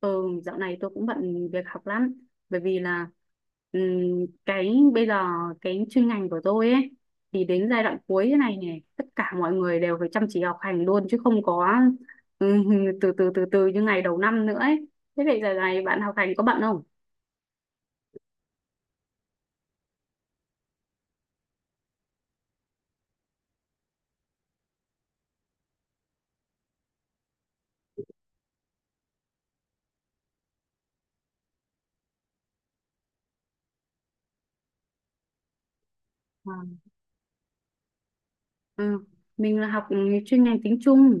Ừ, dạo này tôi cũng bận việc học lắm bởi vì là cái bây giờ cái chuyên ngành của tôi ấy thì đến giai đoạn cuối thế này này tất cả mọi người đều phải chăm chỉ học hành luôn chứ không có ừm, từ từ như ngày đầu năm nữa ấy. Thế vậy giờ này bạn học hành có bận không? Ờ, mình là học chuyên ngành tiếng Trung.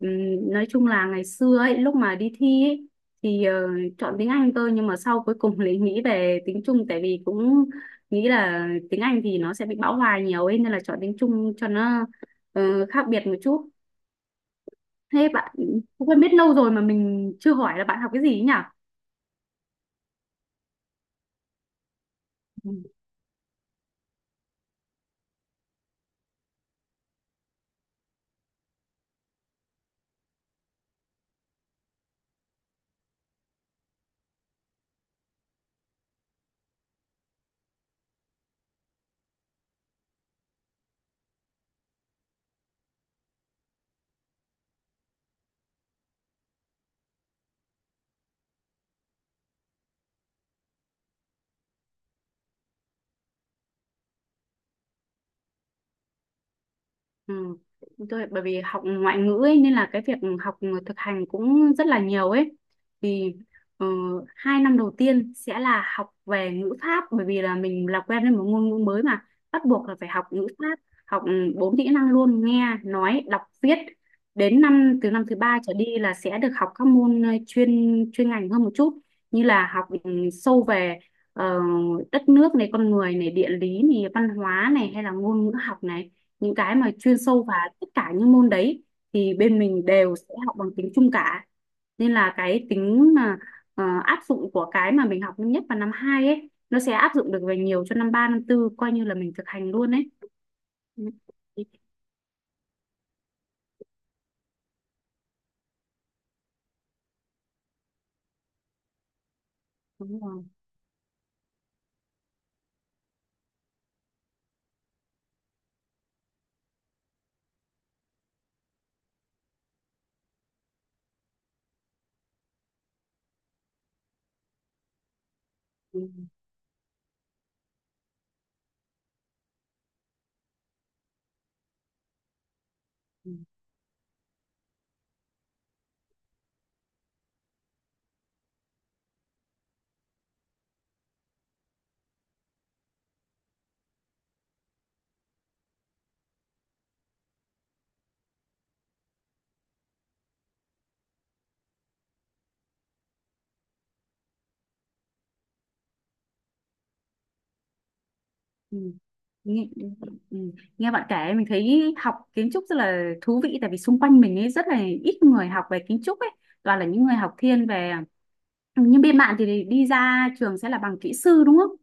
Ừm, nói chung là ngày xưa ấy, lúc mà đi thi ấy, thì chọn tiếng Anh cơ, nhưng mà sau cuối cùng lại nghĩ về tiếng Trung, tại vì cũng nghĩ là tiếng Anh thì nó sẽ bị bão hòa nhiều ấy, nên là chọn tiếng Trung cho nó khác biệt một chút. Thế bạn cũng quen biết lâu rồi mà mình chưa hỏi là bạn học cái gì ấy nhỉ? Ừ. Tôi, bởi vì học ngoại ngữ ấy, nên là cái việc học thực hành cũng rất là nhiều ấy, thì ờ, 2 năm đầu tiên sẽ là học về ngữ pháp, bởi vì là mình làm quen với một ngôn ngữ mới mà bắt buộc là phải học ngữ pháp, học bốn kỹ năng luôn: nghe, nói, đọc, viết. Đến năm Từ năm thứ ba trở đi là sẽ được học các môn chuyên chuyên ngành hơn một chút, như là học sâu về ờ, đất nước này, con người này, địa lý này, văn hóa này, hay là ngôn ngữ học này, những cái mà chuyên sâu vào tất cả những môn đấy thì bên mình đều sẽ học bằng tiếng Trung cả. Nên là cái tính mà áp dụng của cái mà mình học nhất vào năm 2 ấy nó sẽ áp dụng được về nhiều cho năm ba, năm tư, coi như là mình thực hành luôn ấy. Ừ, đúng rồi. Ừ. Ừ. Ừ. Nghe, ừ. Nghe bạn kể mình thấy học kiến trúc rất là thú vị, tại vì xung quanh mình ấy rất là ít người học về kiến trúc ấy, toàn là những người học thiên về, nhưng bên bạn thì đi ra trường sẽ là bằng kỹ sư đúng không?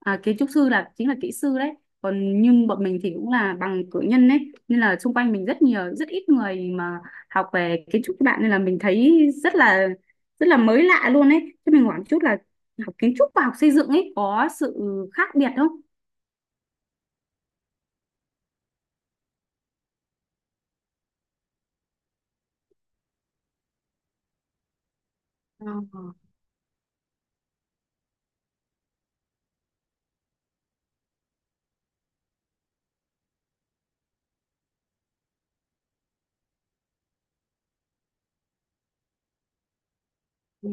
À, kiến trúc sư chính là kỹ sư đấy, còn nhưng bọn mình thì cũng là bằng cử nhân đấy. Nên là xung quanh mình rất nhiều, rất ít người mà học về kiến trúc các bạn, nên là mình thấy rất là, rất là mới lạ luôn ấy. Chứ mình hỏi một chút là học kiến trúc và học xây dựng ấy có sự khác biệt không? Ờ. Ừ.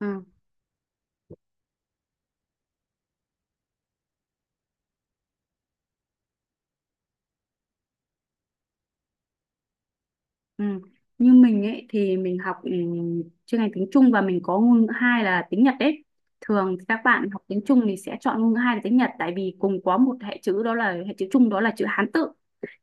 Ừ. Ừ. Như mình ấy thì mình học chuyên ngành tiếng Trung và mình có ngôn ngữ hai là tiếng Nhật đấy. Thường thì các bạn học tiếng Trung thì sẽ chọn ngôn ngữ hai là tiếng Nhật, tại vì cùng có một hệ chữ, đó là hệ chữ Trung, đó là chữ Hán tự.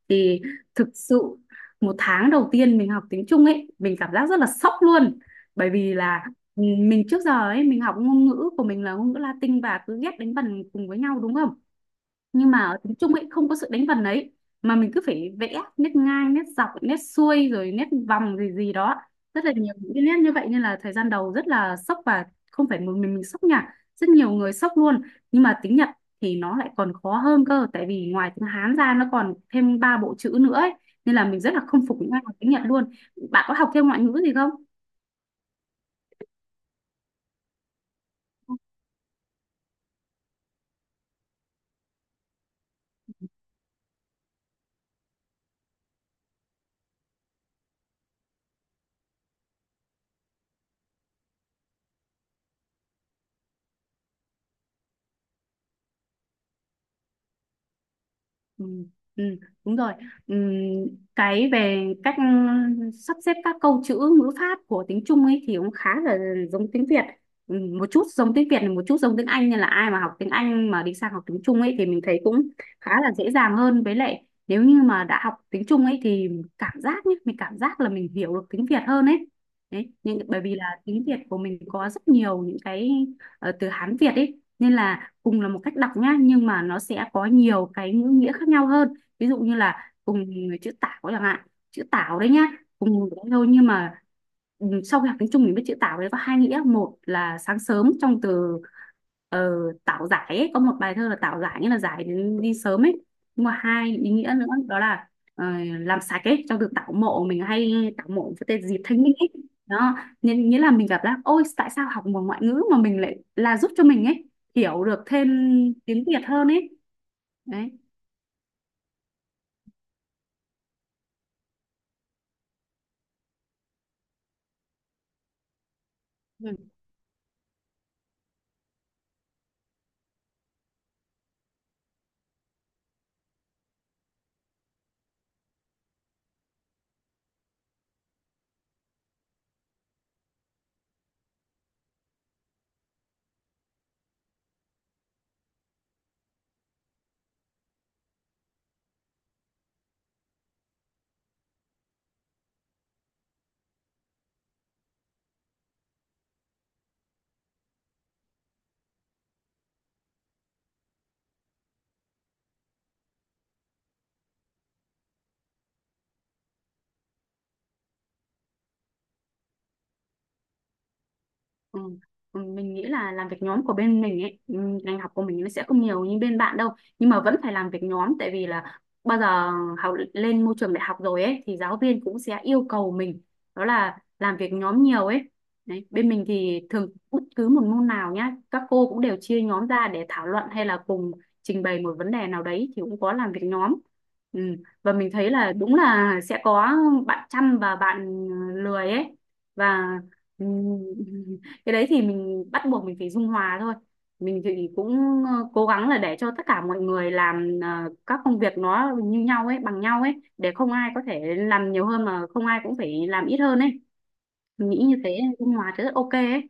Thì thực sự 1 tháng đầu tiên mình học tiếng Trung ấy mình cảm giác rất là sốc luôn, bởi vì là mình trước giờ ấy mình học ngôn ngữ của mình là ngôn ngữ Latin và cứ ghép đánh vần cùng với nhau đúng không? Nhưng mà ở tiếng Trung ấy không có sự đánh vần ấy, mà mình cứ phải vẽ nét ngang, nét dọc, nét xuôi, rồi nét vòng gì gì đó, rất là nhiều những cái nét như vậy, nên là thời gian đầu rất là sốc. Và không phải một mình sốc nha, rất nhiều người sốc luôn. Nhưng mà tiếng Nhật thì nó lại còn khó hơn cơ, tại vì ngoài tiếng Hán ra nó còn thêm ba bộ chữ nữa ấy. Nên là mình rất là không phục những ai học tiếng Nhật luôn. Bạn có học thêm ngoại ngữ gì không? Ừ, ừ, đúng rồi. Ừ, cái về cách sắp xếp các câu chữ ngữ pháp của tiếng Trung ấy thì cũng khá là giống tiếng Việt. Ừ, một chút giống tiếng Việt, một chút giống tiếng Anh, nên là ai mà học tiếng Anh mà đi sang học tiếng Trung ấy thì mình thấy cũng khá là dễ dàng hơn. Với lại nếu như mà đã học tiếng Trung ấy thì cảm giác nhé, mình cảm giác là mình hiểu được tiếng Việt hơn ấy. Đấy, nhưng bởi vì là tiếng Việt của mình có rất nhiều những cái từ Hán Việt ấy, nên là cùng là một cách đọc nhá nhưng mà nó sẽ có nhiều cái ngữ nghĩa khác nhau hơn, ví dụ như là cùng chữ tảo chẳng hạn. Chữ tảo đấy nhá, cùng đấy thôi, nhưng mà sau khi học tiếng Trung mình biết chữ tảo đấy có hai nghĩa, một là sáng sớm trong từ ờ, tảo giải ấy. Có một bài thơ là tảo giải, nghĩa là giải đến đi sớm ấy, nhưng mà hai ý nghĩa nữa đó là ờ, làm sạch ấy, trong từ tảo mộ, mình hay tảo mộ với tên dịp thanh minh ấy. Đó, nghĩa nghĩa là mình gặp là ôi tại sao học một ngoại ngữ mà mình lại là giúp cho mình ấy hiểu được thêm tiếng Việt hơn ấy đấy. Ừ. Ừ. Mình nghĩ là làm việc nhóm của bên mình ấy, ngành học của mình nó sẽ không nhiều như bên bạn đâu. Nhưng mà vẫn phải làm việc nhóm, tại vì là bao giờ học lên môi trường đại học rồi ấy thì giáo viên cũng sẽ yêu cầu mình đó là làm việc nhóm nhiều ấy. Đấy, bên mình thì thường bất cứ một môn nào nhá, các cô cũng đều chia nhóm ra để thảo luận hay là cùng trình bày một vấn đề nào đấy thì cũng có làm việc nhóm. Ừ. Và mình thấy là đúng là sẽ có bạn chăm và bạn lười ấy, và ừ, cái đấy thì mình bắt buộc mình phải dung hòa thôi, mình thì cũng cố gắng là để cho tất cả mọi người làm các công việc nó như nhau ấy, bằng nhau ấy, để không ai có thể làm nhiều hơn mà không ai cũng phải làm ít hơn ấy. Mình nghĩ như thế, dung hòa thì rất ok ấy.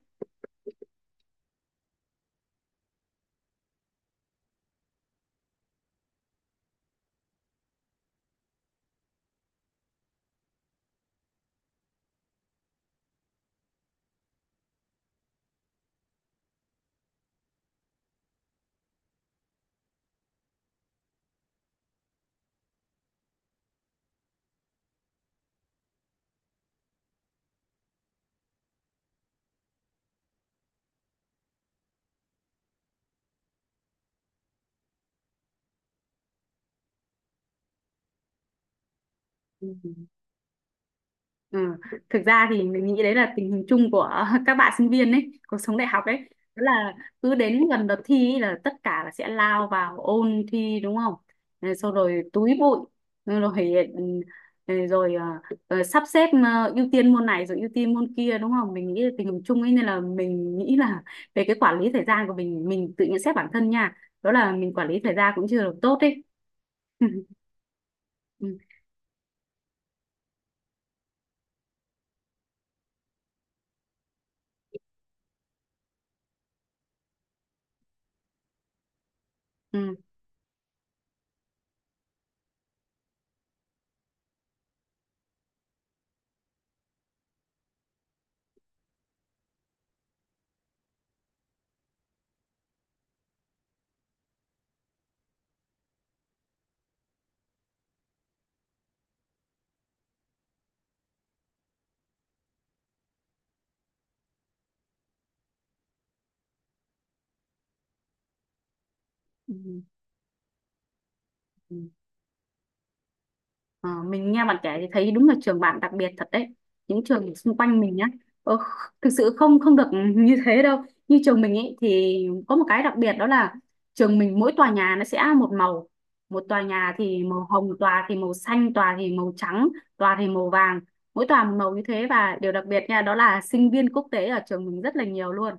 Ừ. Ừ. Thực ra thì mình nghĩ đấy là tình hình chung của các bạn sinh viên ấy, cuộc sống đại học ấy. Đó là cứ đến gần đợt thi ấy là tất cả là sẽ lao vào ôn thi đúng không? Rồi sau rồi túi bụi, rồi rồi, rồi à, sắp xếp ưu tiên môn này rồi ưu tiên môn kia đúng không? Mình nghĩ là tình hình chung ấy, nên là mình nghĩ là về cái quản lý thời gian của mình tự nhận xét bản thân nha. Đó là mình quản lý thời gian cũng chưa được tốt ấy. Ừ. Ừ. Ừ. Ừ. Ờ, mình nghe bạn kể thì thấy đúng là trường bạn đặc biệt thật đấy. Những trường xung quanh mình nhá, ờ, thực sự không không được như thế đâu. Như trường mình ấy thì có một cái đặc biệt, đó là trường mình mỗi tòa nhà nó sẽ một màu: một tòa nhà thì màu hồng, tòa thì màu xanh, tòa thì màu trắng, tòa thì màu vàng, mỗi tòa một màu như thế. Và điều đặc biệt nha, đó là sinh viên quốc tế ở trường mình rất là nhiều luôn.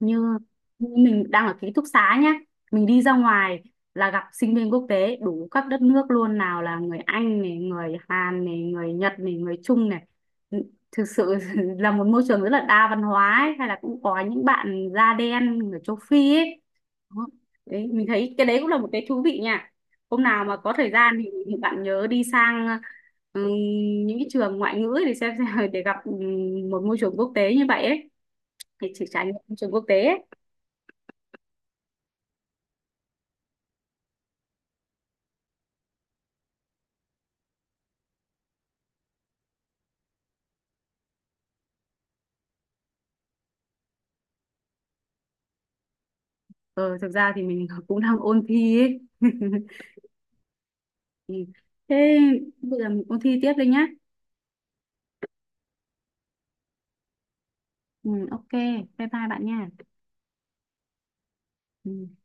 Như mình đang ở ký túc xá nhá, mình đi ra ngoài là gặp sinh viên quốc tế đủ các đất nước luôn, nào là người Anh này, người Hàn này, người Nhật này, người Trung này. Thực sự là một môi trường rất là đa văn hóa ấy. Hay là cũng có những bạn da đen, người châu Phi ấy. Đó. Đấy mình thấy cái đấy cũng là một cái thú vị nha. Hôm nào mà có thời gian thì, bạn nhớ đi sang ừ, những cái trường ngoại ngữ để xem, xem để gặp một môi trường quốc tế như vậy ấy, thì chỉ trải nghiệm môi trường quốc tế ấy. Ờ, Thực ra thì mình cũng đang ôn thi ấy. Ừ. Thế bây giờ mình ôn thi tiếp đây nhá. Ừ, ok, bye bye bạn nha. Ừ.